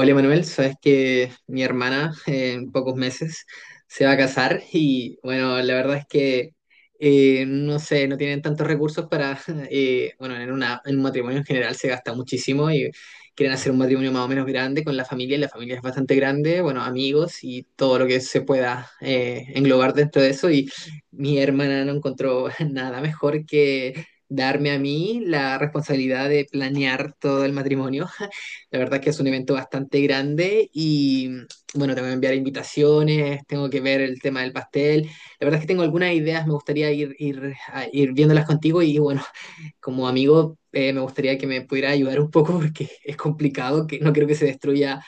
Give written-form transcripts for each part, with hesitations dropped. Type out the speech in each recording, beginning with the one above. Hola Manuel, sabes que mi hermana en pocos meses se va a casar. Y bueno, la verdad es que no sé, no tienen tantos recursos para, bueno, en un matrimonio en general se gasta muchísimo. Y quieren hacer un matrimonio más o menos grande con la familia, y la familia es bastante grande, bueno, amigos y todo lo que se pueda englobar dentro de eso. Y mi hermana no encontró nada mejor que darme a mí la responsabilidad de planear todo el matrimonio. La verdad es que es un evento bastante grande y bueno, te voy a enviar invitaciones, tengo que ver el tema del pastel. La verdad es que tengo algunas ideas, me gustaría ir viéndolas contigo. Y bueno, como amigo, me gustaría que me pudiera ayudar un poco porque es complicado, que no quiero que se destruya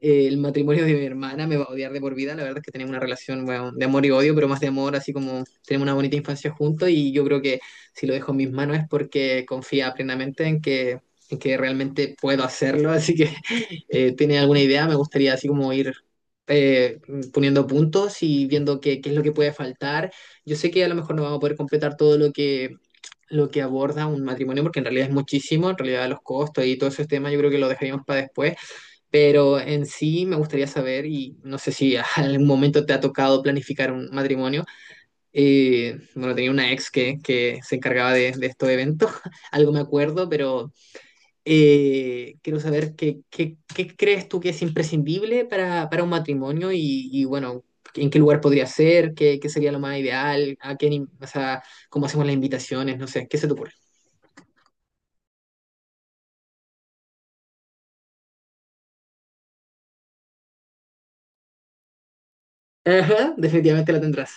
el matrimonio de mi hermana. Me va a odiar de por vida. La verdad es que tenemos una relación, bueno, de amor y odio, pero más de amor, así como tenemos una bonita infancia juntos. Y yo creo que si lo dejo en mis manos es porque confía plenamente en que realmente puedo hacerlo. Así que, ¿tiene alguna idea? Me gustaría así como ir eh, poniendo puntos y viendo qué es lo que puede faltar. Yo sé que a lo mejor no vamos a poder completar todo lo que aborda un matrimonio, porque en realidad es muchísimo, en realidad los costos y todo ese tema yo creo que lo dejaríamos para después. Pero en sí me gustaría saber, y no sé si a algún momento te ha tocado planificar un matrimonio. Bueno, tenía una ex que se encargaba de estos eventos, algo me acuerdo. Pero quiero saber qué crees tú que es imprescindible para un matrimonio y, bueno, en qué lugar podría ser, qué sería lo más ideal, a qué, ni- o sea, cómo hacemos las invitaciones, no sé, ¿qué se te ocurre? Ajá, definitivamente la tendrás.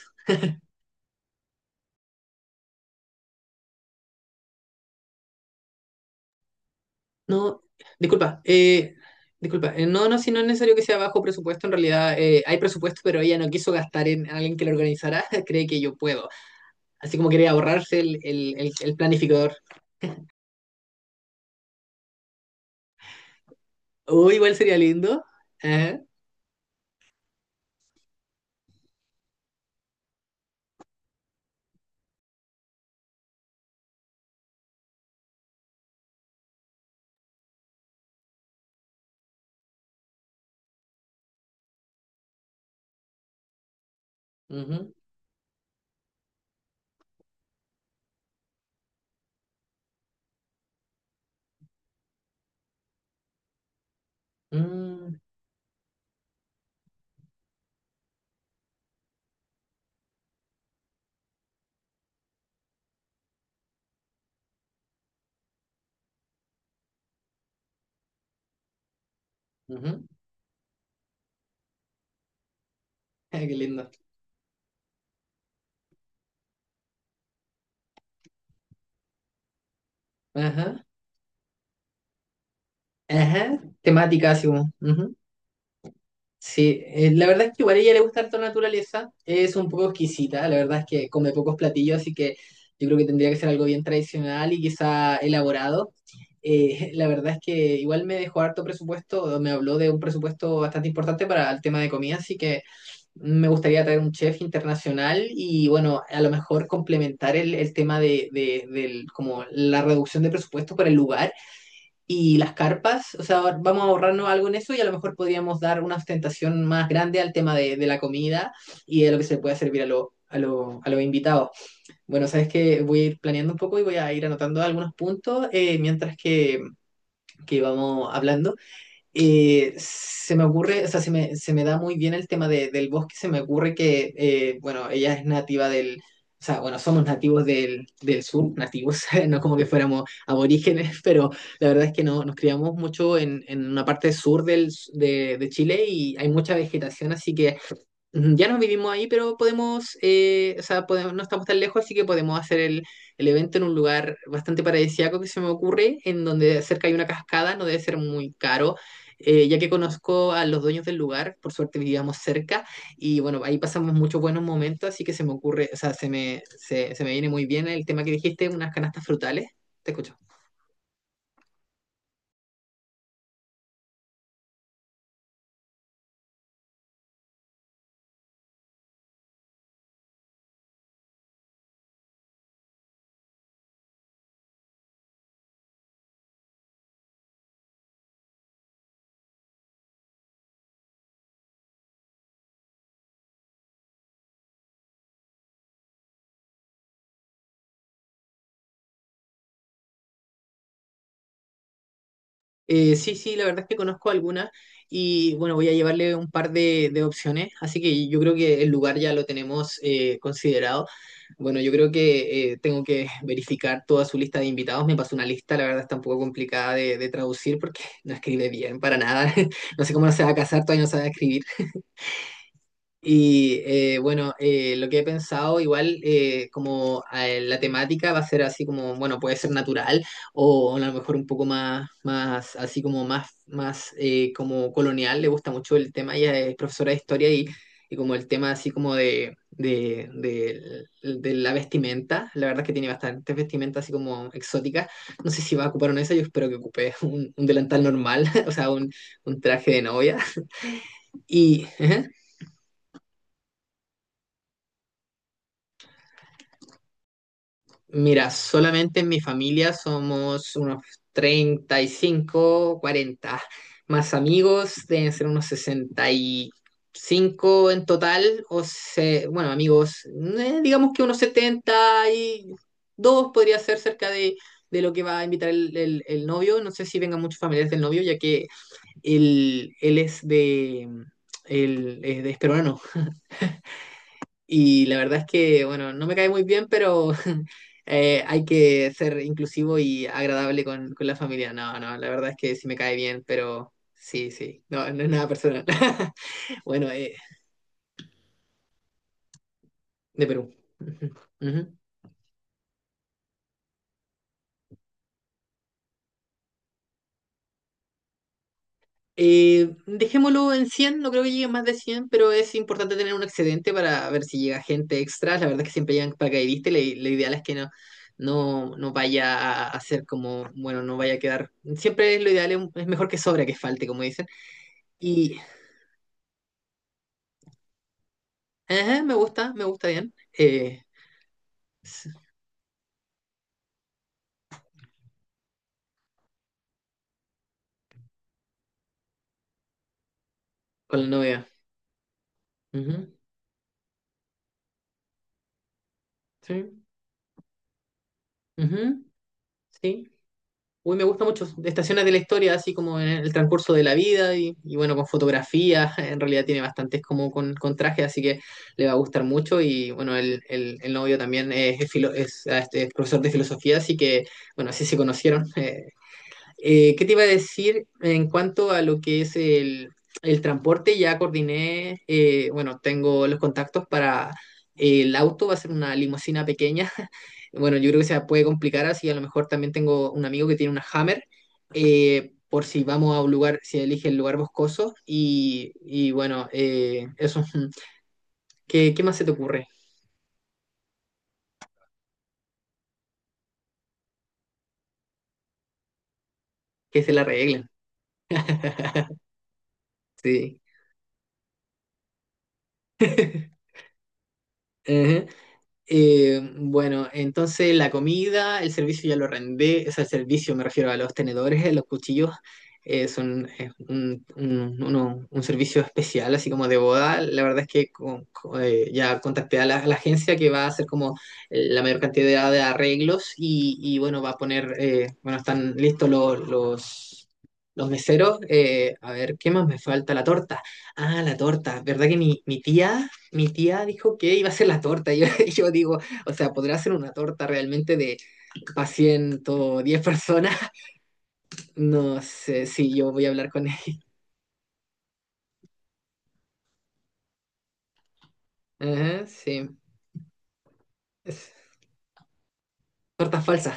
No, disculpa, eh, disculpa, no, no, si no es necesario que sea bajo presupuesto. En realidad hay presupuesto, pero ella no quiso gastar en alguien que lo organizara, cree que yo puedo, así como quería ahorrarse el planificador. Uy, igual sería lindo. Ajá. Ujú. Mm. Ujú. Ah, qué lindo. Ajá, ajá, temática así como. Ujú. Sí, la verdad es que igual a ella le gusta harto la naturaleza, es un poco exquisita, la verdad es que come pocos platillos, así que yo creo que tendría que ser algo bien tradicional y quizá elaborado. La verdad es que igual me dejó harto presupuesto, me habló de un presupuesto bastante importante para el tema de comida, así que me gustaría traer un chef internacional. Y bueno, a lo mejor complementar el tema del, como la reducción de presupuesto para el lugar y las carpas, o sea, vamos a ahorrarnos algo en eso. Y a lo mejor podríamos dar una ostentación más grande al tema de la comida y de lo que se puede servir a los invitados. Bueno, sabes que voy a ir planeando un poco y voy a ir anotando algunos puntos mientras que vamos hablando. Se me ocurre, o sea, se me da muy bien el tema del bosque. Se me ocurre que, bueno, ella es nativa o sea, bueno, somos nativos del sur, nativos, no como que fuéramos aborígenes, pero la verdad es que no, nos criamos mucho en una parte sur de Chile, y hay mucha vegetación, así que... Ujú. Ya no vivimos ahí, pero podemos, o sea, podemos, no estamos tan lejos, así que podemos hacer el evento en un lugar bastante paradisíaco que se me ocurre, en donde cerca hay una cascada, no debe ser muy caro, ya que conozco a los dueños del lugar, por suerte vivíamos cerca. Y bueno, ahí pasamos muchos buenos momentos, así que se me ocurre, o sea, se me viene muy bien el tema que dijiste, unas canastas frutales. Te escucho. Sí, sí, la verdad es que conozco algunas. Y bueno, voy a llevarle un par de opciones, así que yo creo que el lugar ya lo tenemos considerado. Bueno, yo creo que tengo que verificar toda su lista de invitados. Me pasó una lista, la verdad está un poco complicada de traducir porque no escribe bien para nada, no sé cómo no se va a casar, todavía no sabe escribir. Y bueno, lo que he pensado, igual como la temática va a ser así como, bueno, puede ser natural o a lo mejor un poco más así como más como colonial. Le gusta mucho el tema, ella es profesora de historia, y como el tema así como de la vestimenta, la verdad es que tiene bastantes vestimentas así como exóticas, no sé si va a ocupar una de esas, yo espero que ocupe un delantal normal, o sea, un traje de novia y... ¿eh? Mira, solamente en mi familia somos unos 35, 40. Más amigos deben ser unos 65 en total, o se, bueno, amigos. Digamos que unos 72 podría ser cerca de lo que va a invitar el novio. No sé si vengan muchos familiares del novio, ya que él, él es de, él es de Esperona, y la verdad es que, bueno, no me cae muy bien, pero hay que ser inclusivo y agradable con la familia. No, no, la verdad es que sí me cae bien, pero sí, sí, no, no es nada personal. Bueno, de Perú. Ujú, ujú. Dejémoslo en 100. No creo que lleguen más de 100, pero es importante tener un excedente para ver si llega gente extra. La verdad es que siempre llegan paracaidistas, y lo ideal es que no, no, no vaya a ser como, bueno, no vaya a quedar. Siempre lo ideal es mejor que sobra que falte, como dicen. Y ajá, me gusta bien. S- con la novia. Ujú, sí, ujú, sí. Uy, me gusta mucho. Estaciones de la historia, así como en el transcurso de la vida, y bueno, con fotografía. En realidad tiene bastantes como con traje, así que le va a gustar mucho. Y bueno, el novio también es filo- es, ah, este, es profesor de filosofía, así que bueno, así se conocieron. ¿Qué te iba a decir en cuanto a lo que es el transporte? Ya coordiné, bueno, tengo los contactos para el auto, va a ser una limusina pequeña. Bueno, yo creo que se puede complicar así, a lo mejor también tengo un amigo que tiene una Hammer, por si vamos a un lugar, si elige el lugar boscoso. Y, bueno, eso, ¿qué más se te ocurre? Que se la arreglen. Sí. Bueno, entonces la comida, el servicio ya lo rendé, o sea, el servicio me refiero a los tenedores, los cuchillos, son un servicio especial, así como de boda. La verdad es que ya contacté a la agencia que va a hacer como la mayor cantidad de arreglos y, bueno, va a poner, bueno, están listos los meseros. A ver, ¿qué más me falta? La torta. Ah, la torta. ¿Verdad que mi tía dijo que iba a hacer la torta? Y yo, y yo digo, o sea, ¿podrá hacer una torta realmente de para 110 personas? No sé, sí, yo voy a hablar con ella. Ajá, sí. Es torta falsa.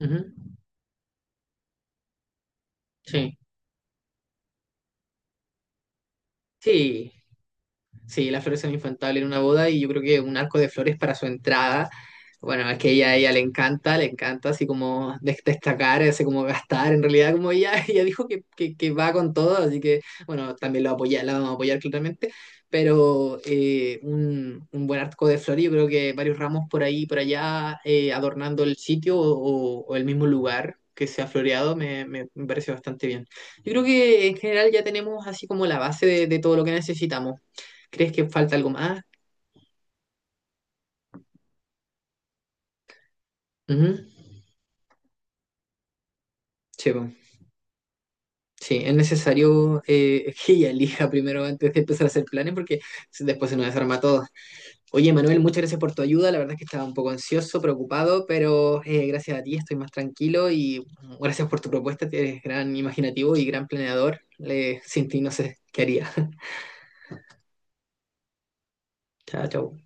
Ujú. Sí. Sí. Sí, la flores son infantil en una boda y yo creo que un arco de flores para su entrada. Bueno, es que ella, a ella le encanta así como destacar, así como gastar. En realidad, como ella, ella dijo que, que va con todo, así que bueno, también lo apoya, la vamos a apoyar claramente. Pero un buen arco de flores, yo creo que varios ramos por ahí por allá adornando el sitio o el mismo lugar que se ha floreado me parece bastante bien. Yo creo que en general ya tenemos así como la base de todo lo que necesitamos. ¿Crees que falta algo más? Ujú. Sí, po. Sí, es necesario que ella elija primero antes de empezar a hacer planes porque después se nos desarma todo. Oye, Manuel, muchas gracias por tu ayuda. La verdad es que estaba un poco ansioso, preocupado, pero gracias a ti estoy más tranquilo y gracias por tu propuesta. Que eres gran imaginativo y gran planeador. Sin ti no sé qué haría. Chao, chao.